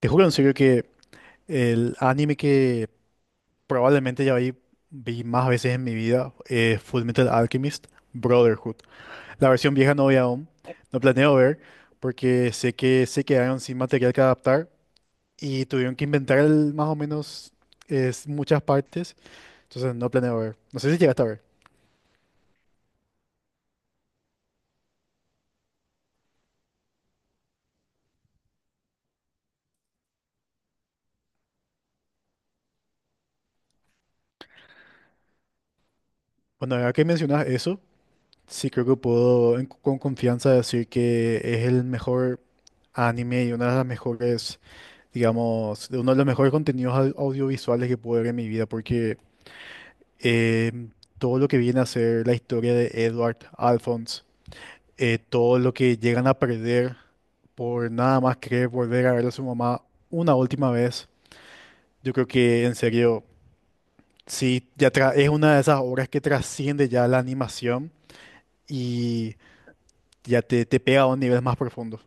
Te juro en serio que el anime que probablemente ya vi más veces en mi vida es Fullmetal Alchemist Brotherhood. La versión vieja no vi aún, no planeo ver porque sé que se quedaron sin material que adaptar y tuvieron que inventar más o menos es, muchas partes, entonces no planeo ver. No sé si llegaste a ver. Bueno, ahora que mencionas eso, sí creo que puedo con confianza decir que es el mejor anime y una de las mejores, digamos, de uno de los mejores contenidos audiovisuales que pude ver en mi vida, porque em, todo lo que viene a ser la historia de Edward Alphonse, todo lo que llegan a perder por nada más querer volver a ver a su mamá una última vez. Yo creo que, en serio, sí, es una de esas obras que trasciende ya la animación y ya te pega a un nivel más profundo.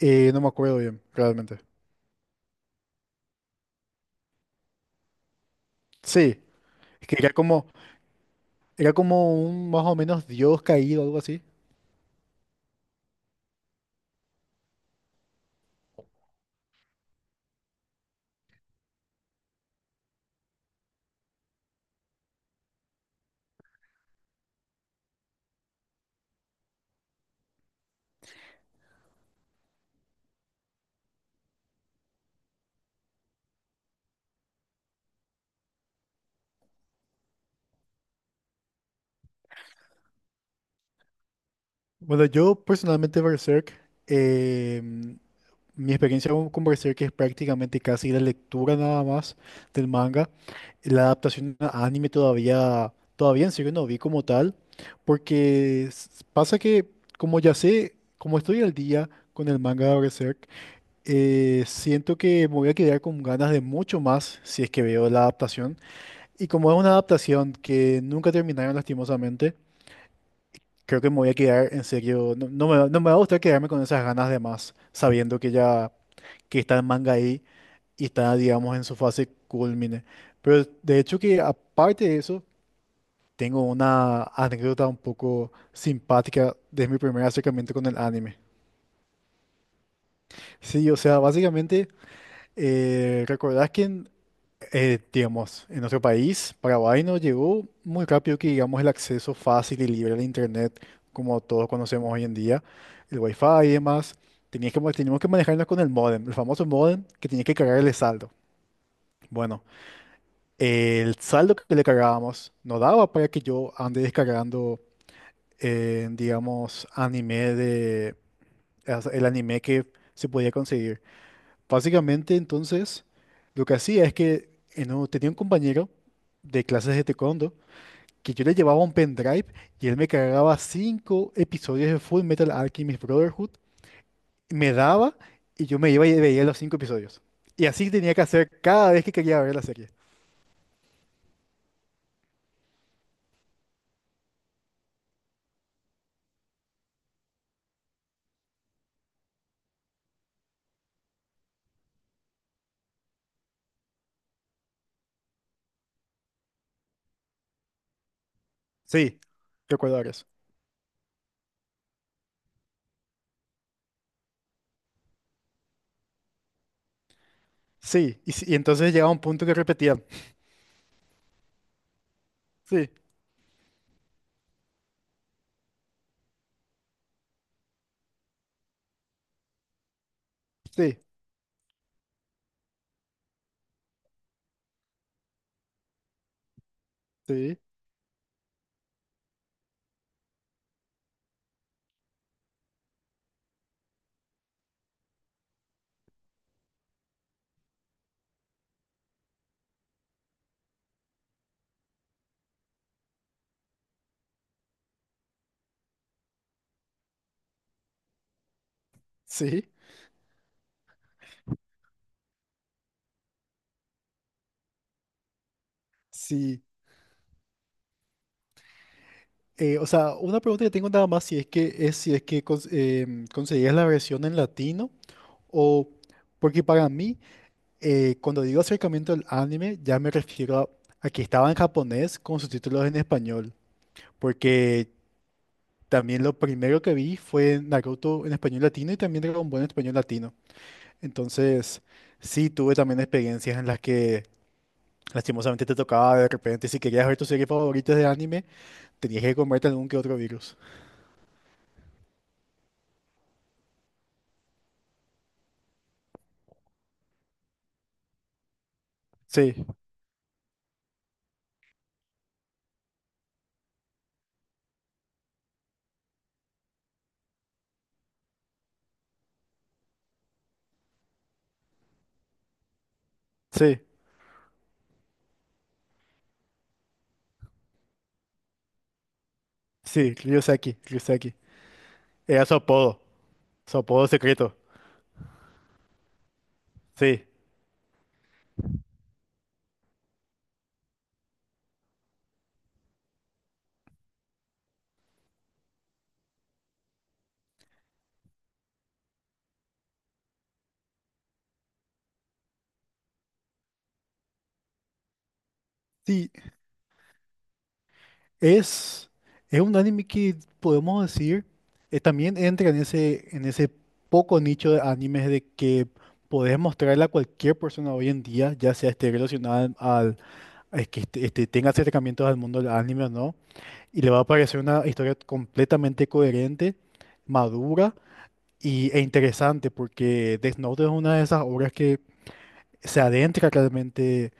No me acuerdo bien, realmente. Sí, es que era como un más o menos dios caído, algo así. Bueno, yo personalmente Berserk, eh, mi experiencia con Berserk es prácticamente casi la lectura nada más del manga. La adaptación a anime todavía en serio no vi como tal, porque pasa que, como ya sé, como estoy al día con el manga de Berserk, siento que me voy a quedar con ganas de mucho más si es que veo la adaptación. Y como es una adaptación que nunca terminaron, lastimosamente, creo que me voy a quedar, en serio, no, no me va a gustar quedarme con esas ganas de más, sabiendo que ya, que está el manga ahí y está, digamos, en su fase culmine. Pero, de hecho, que aparte de eso, tengo una anécdota un poco simpática de mi primer acercamiento con el anime. Sí, o sea, básicamente, ¿recordás que en digamos, en nuestro país, Paraguay, nos llegó muy rápido, que digamos, el acceso fácil y libre al internet, como todos conocemos hoy en día, el wifi y demás? Teníamos que manejarnos con el modem, el famoso modem que tenía que cargar el saldo. Bueno, el saldo que le cargábamos no daba para que yo ande descargando, digamos, el anime que se podía conseguir. Básicamente, entonces, lo que hacía es que, tenía un compañero de clases de taekwondo que yo le llevaba un pendrive y él me cargaba cinco episodios de Full Metal Alchemist Brotherhood, me daba y yo me iba y veía los cinco episodios. Y así tenía que hacer cada vez que quería ver la serie. Sí, recuerdo ahora eso. Sí, y entonces llegaba un punto que repetía. Sí, sí, sí, sí, sí. O sea, una pregunta que tengo nada más, si es que es, si es que cons- em, conseguías la versión en latino, o porque, para mí, cuando digo acercamiento al anime, ya me refiero a que estaba en japonés con subtítulos en español, porque también lo primero que vi fue Naruto en español latino y también Dragon Ball en español latino. Entonces sí tuve también experiencias en las que, lastimosamente, te tocaba de repente, si querías ver tu serie favorita de anime, tenías que comerte algún que otro virus. Sí, sí. Sí, Ryuseki, Ryuseki. Era su apodo secreto. Sí. Sí, es, es un anime que podemos decir, también entra en ese, poco nicho de animes de que podés mostrarle a cualquier persona hoy en día, ya sea, esté relacionada al que tenga acercamientos al mundo del anime o no, y le va a parecer una historia completamente coherente, madura e interesante, porque Death Note es una de esas obras que se adentra claramente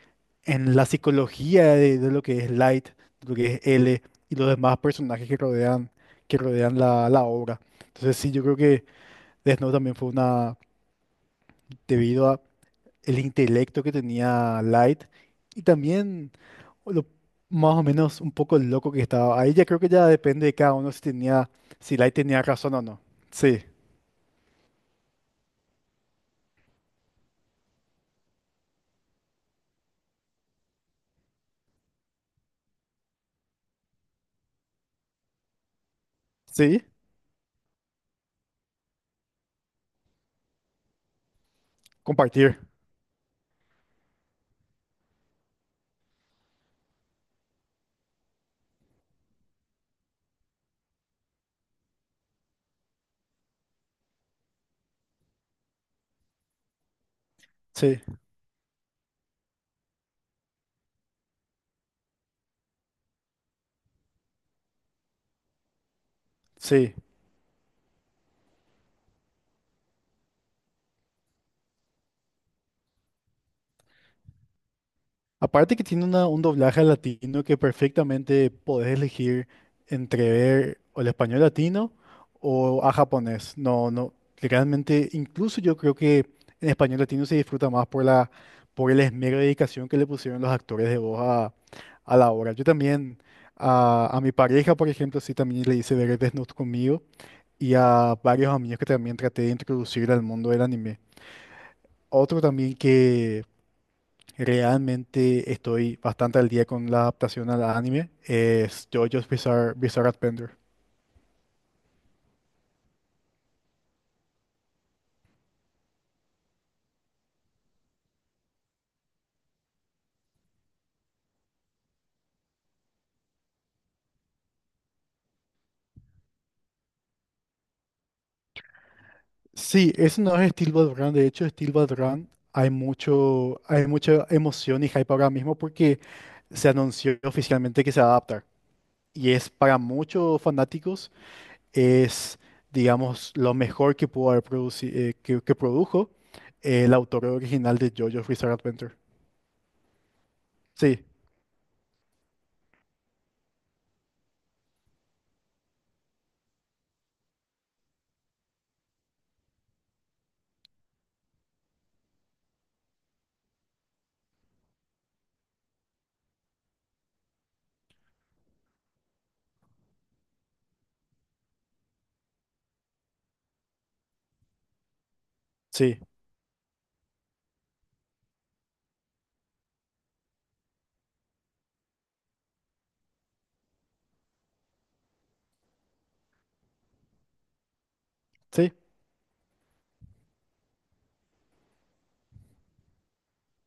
en la psicología de, lo que es Light, de lo que es L y los demás personajes que rodean la obra. Entonces sí, yo creo que Death Note también fue una, debido a el intelecto que tenía Light y también lo más o menos un poco loco que estaba. Ahí ya creo que ya depende de cada uno si Light tenía razón o no. Sí, sí, compartir. Sí, sí. Aparte que tiene un doblaje al latino que perfectamente podés elegir entre ver o el español latino o a japonés. No, no, realmente, incluso yo creo que, en español latino, se disfruta más por el esmero de dedicación que le pusieron los actores de voz a la obra. Yo también, a mi pareja, por ejemplo, sí también le hice ver Death conmigo, y a varios amigos que también traté de introducir al mundo del anime. Otro también que realmente estoy bastante al día con la adaptación al anime es JoJo's Bizarre Adventure. Sí, ese no es Steel Ball Run. De hecho, Steel Ball Run, hay mucha emoción y hype ahora mismo porque se anunció oficialmente que se va a adaptar. Y es para muchos fanáticos, es, digamos, lo mejor que pudo haber que produjo el autor original de JoJo's Bizarre Adventure. Sí, sí, sí.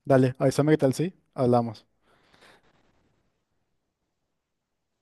Dale, avísame qué tal, sí. Hablamos.